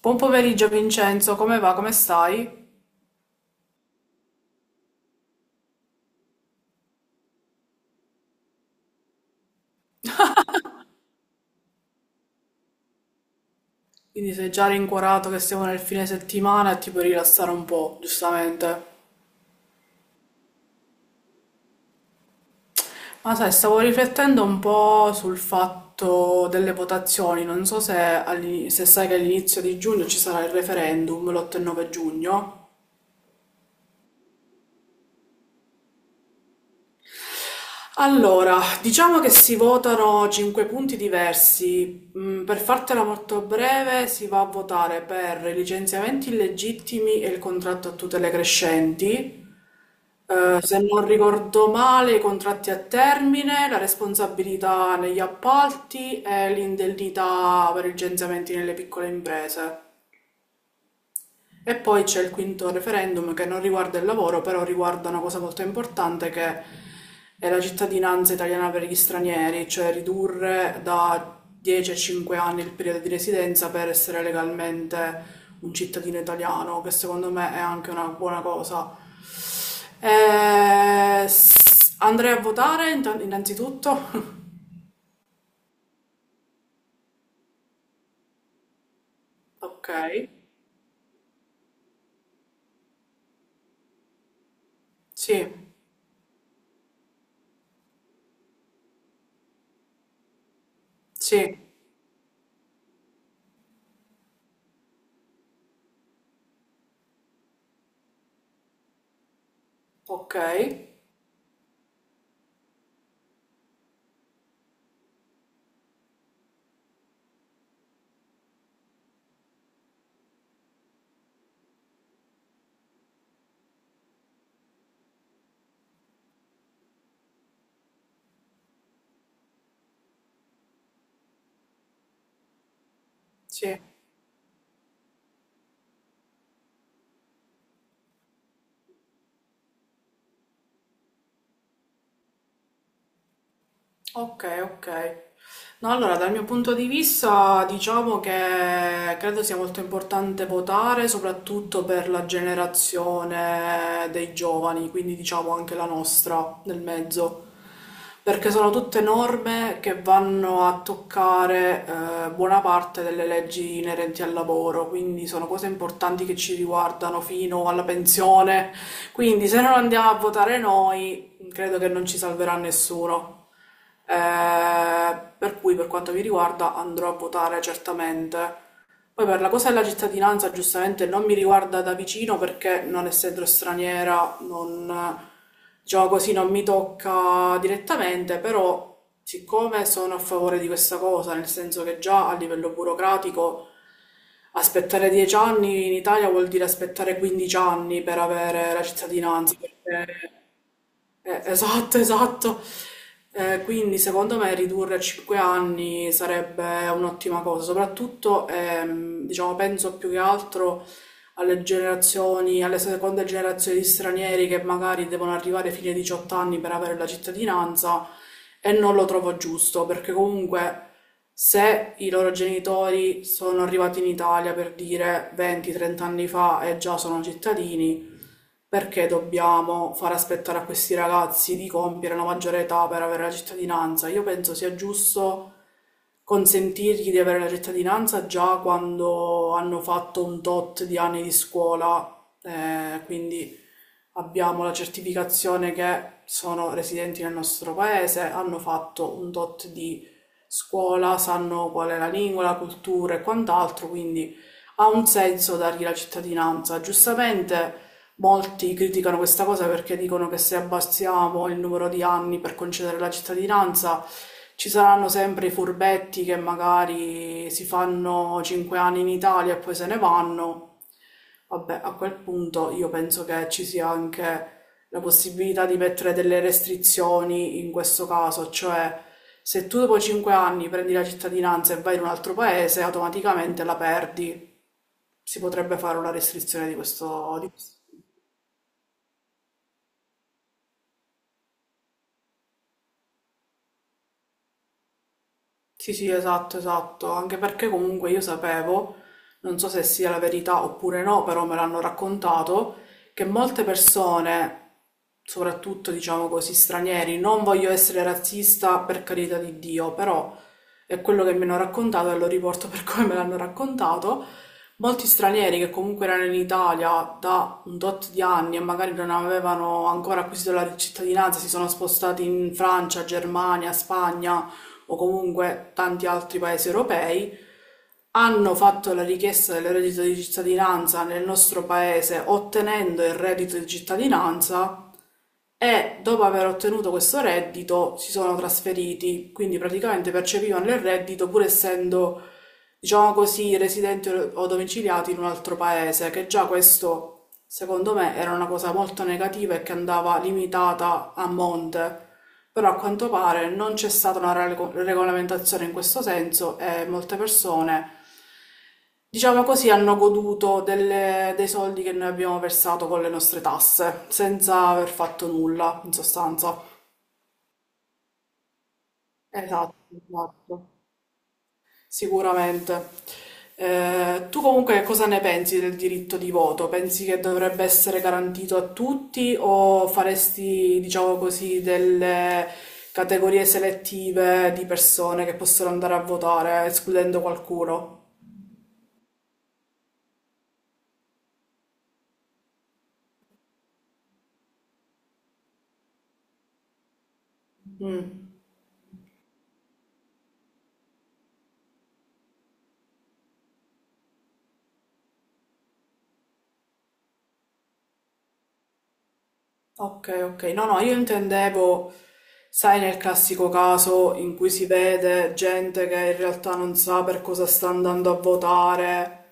Buon pomeriggio Vincenzo, come va? Come stai? Quindi sei già rincuorato che siamo nel fine settimana e ti puoi rilassare un po', giustamente. Ma sai, stavo riflettendo un po' sul fatto delle votazioni, non so se, se sai che all'inizio di giugno ci sarà il referendum, l'8 e 9 giugno. Allora, diciamo che si votano cinque punti diversi. Per fartela molto breve, si va a votare per i licenziamenti illegittimi e il contratto a tutele crescenti. Se non ricordo male, i contratti a termine, la responsabilità negli appalti e l'indennità per i licenziamenti nelle piccole imprese. E poi c'è il quinto referendum che non riguarda il lavoro, però riguarda una cosa molto importante che è la cittadinanza italiana per gli stranieri, cioè ridurre da 10 a 5 anni il periodo di residenza per essere legalmente un cittadino italiano, che secondo me è anche una buona cosa andrei a votare innanzitutto. Ok, sì, sì, ok, sì. Ok, ok. No, allora, dal mio punto di vista, diciamo che credo sia molto importante votare, soprattutto per la generazione dei giovani, quindi diciamo anche la nostra nel mezzo, perché sono tutte norme che vanno a toccare buona parte delle leggi inerenti al lavoro, quindi sono cose importanti che ci riguardano fino alla pensione, quindi se non andiamo a votare noi, credo che non ci salverà nessuno. Per cui per quanto mi riguarda andrò a votare certamente. Poi per la cosa della cittadinanza giustamente non mi riguarda da vicino perché non essendo straniera non, diciamo così, non mi tocca direttamente, però siccome sono a favore di questa cosa, nel senso che già a livello burocratico aspettare 10 anni in Italia vuol dire aspettare 15 anni per avere la cittadinanza, perché. Eh, esatto, esatto. Quindi secondo me ridurre a 5 anni sarebbe un'ottima cosa, soprattutto diciamo, penso più che altro alle generazioni, alle seconde generazioni di stranieri che magari devono arrivare fino ai 18 anni per avere la cittadinanza e non lo trovo giusto, perché comunque se i loro genitori sono arrivati in Italia per dire 20-30 anni fa e già sono cittadini, perché dobbiamo far aspettare a questi ragazzi di compiere la maggiore età per avere la cittadinanza? Io penso sia giusto consentirgli di avere la cittadinanza già quando hanno fatto un tot di anni di scuola, quindi abbiamo la certificazione che sono residenti nel nostro paese, hanno fatto un tot di scuola, sanno qual è la lingua, la cultura e quant'altro, quindi ha un senso dargli la cittadinanza. Giustamente molti criticano questa cosa perché dicono che se abbassiamo il numero di anni per concedere la cittadinanza, ci saranno sempre i furbetti che magari si fanno 5 anni in Italia e poi se ne vanno. Vabbè, a quel punto io penso che ci sia anche la possibilità di mettere delle restrizioni in questo caso, cioè se tu dopo 5 anni prendi la cittadinanza e vai in un altro paese, automaticamente la perdi. Si potrebbe fare una restrizione di questo, di questo. Sì, sì, esatto, esatto, anche perché comunque io sapevo, non so se sia la verità oppure no, però me l'hanno raccontato, che molte persone, soprattutto diciamo così stranieri, non voglio essere razzista per carità di Dio, però è quello che mi hanno raccontato e lo riporto per come me l'hanno raccontato, molti stranieri che comunque erano in Italia da un tot di anni e magari non avevano ancora acquisito la cittadinanza, si sono spostati in Francia, Germania, Spagna o comunque tanti altri paesi europei, hanno fatto la richiesta del reddito di cittadinanza nel nostro paese ottenendo il reddito di cittadinanza e dopo aver ottenuto questo reddito si sono trasferiti, quindi praticamente percepivano il reddito pur essendo, diciamo così, residenti o domiciliati in un altro paese, che già questo. Secondo me era una cosa molto negativa e che andava limitata a monte, però a quanto pare non c'è stata una regolamentazione in questo senso e molte persone, diciamo così, hanno goduto dei soldi che noi abbiamo versato con le nostre tasse, senza aver fatto nulla, in sostanza. Esatto, esatto. Sicuramente. Tu comunque cosa ne pensi del diritto di voto? Pensi che dovrebbe essere garantito a tutti o faresti, diciamo così, delle categorie selettive di persone che possono andare a votare, escludendo qualcuno? Mm. Ok, ok. No, no, io intendevo, sai, nel classico caso in cui si vede gente che in realtà non sa per cosa sta andando a votare,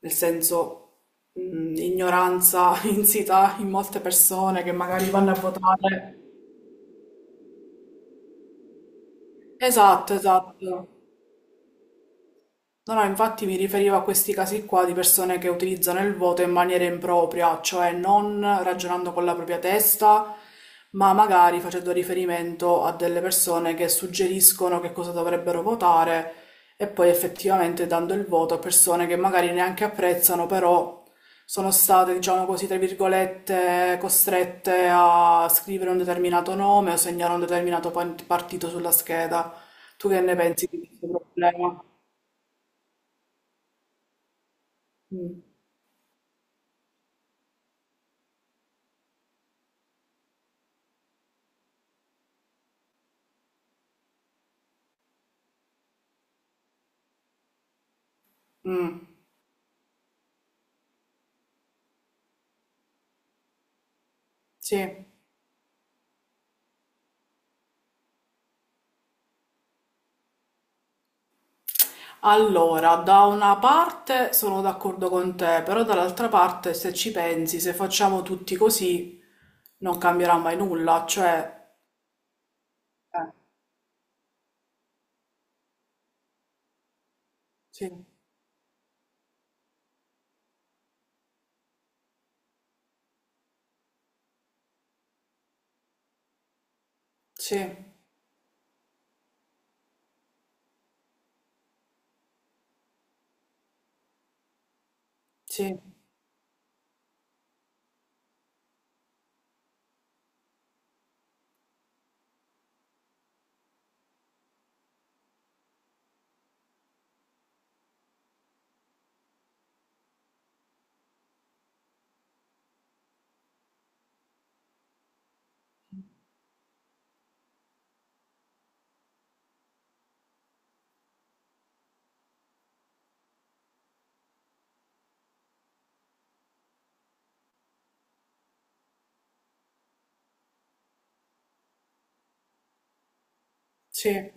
nel senso, ignoranza insita in molte persone che magari vanno a votare. Esatto, esatto. No, no, infatti mi riferivo a questi casi qua di persone che utilizzano il voto in maniera impropria, cioè non ragionando con la propria testa, ma magari facendo riferimento a delle persone che suggeriscono che cosa dovrebbero votare e poi effettivamente dando il voto a persone che magari neanche apprezzano, però sono state, diciamo così, tra virgolette, costrette a scrivere un determinato nome o segnare un determinato partito sulla scheda. Tu che ne pensi di questo problema? Mm. Mm, sì. Allora, da una parte sono d'accordo con te, però dall'altra parte, se ci pensi, se facciamo tutti così, non cambierà mai nulla, cioè. Eh, sì, sì, sì, sì.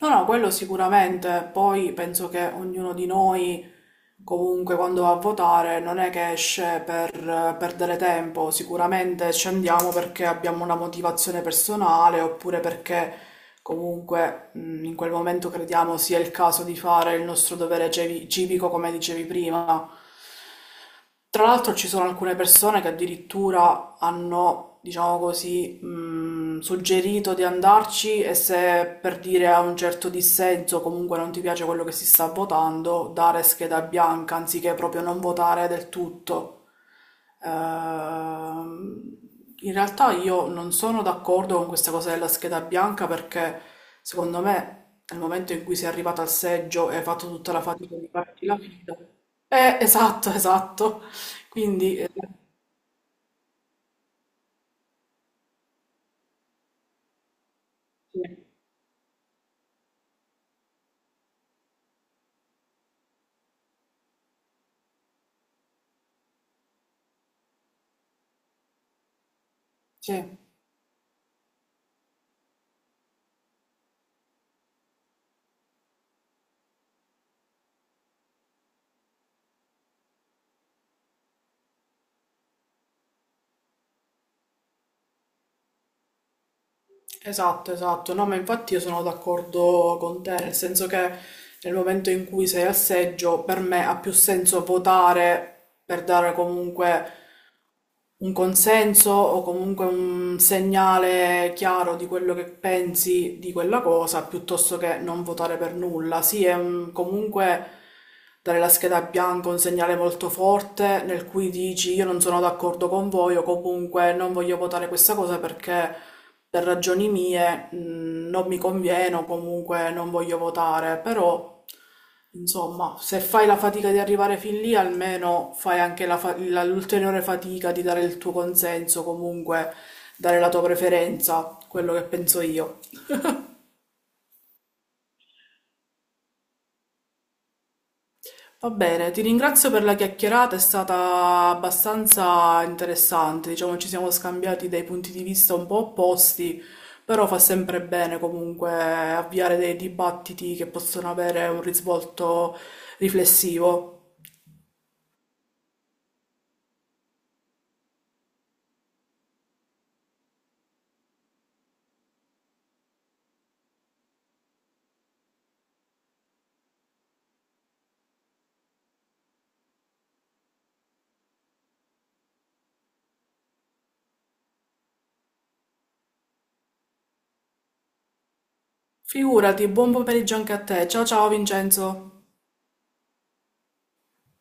No, no, quello sicuramente, poi penso che ognuno di noi comunque quando va a votare non è che esce per perdere tempo, sicuramente scendiamo perché abbiamo una motivazione personale oppure perché comunque in quel momento crediamo sia il caso di fare il nostro dovere civico come dicevi prima. Tra l'altro ci sono alcune persone che addirittura hanno, diciamo così, suggerito di andarci e se per dire a un certo dissenso comunque non ti piace quello che si sta votando, dare scheda bianca anziché proprio non votare del tutto. Ehm, In realtà io non sono d'accordo con questa cosa della scheda bianca perché secondo me nel momento in cui sei arrivato al seggio e hai fatto tutta la fatica di farti la fila, esatto, esatto. Quindi, sì, sì, esatto, esatto. No, ma infatti io sono d'accordo con te, nel senso che nel momento in cui sei al seggio, per me ha più senso votare per dare comunque un consenso o comunque un segnale chiaro di quello che pensi di quella cosa, piuttosto che non votare per nulla. Sì, è comunque dare la scheda bianca è un segnale molto forte nel cui dici io non sono d'accordo con voi o comunque non voglio votare questa cosa perché per ragioni mie non mi conviene o comunque non voglio votare, però, insomma, se fai la fatica di arrivare fin lì, almeno fai anche la l'ulteriore fatica di dare il tuo consenso, comunque dare la tua preferenza, quello che penso io. Va bene, ti ringrazio per la chiacchierata, è stata abbastanza interessante, diciamo ci siamo scambiati dei punti di vista un po' opposti, però fa sempre bene comunque avviare dei dibattiti che possono avere un risvolto riflessivo. Figurati, buon pomeriggio anche a te. Ciao ciao Vincenzo.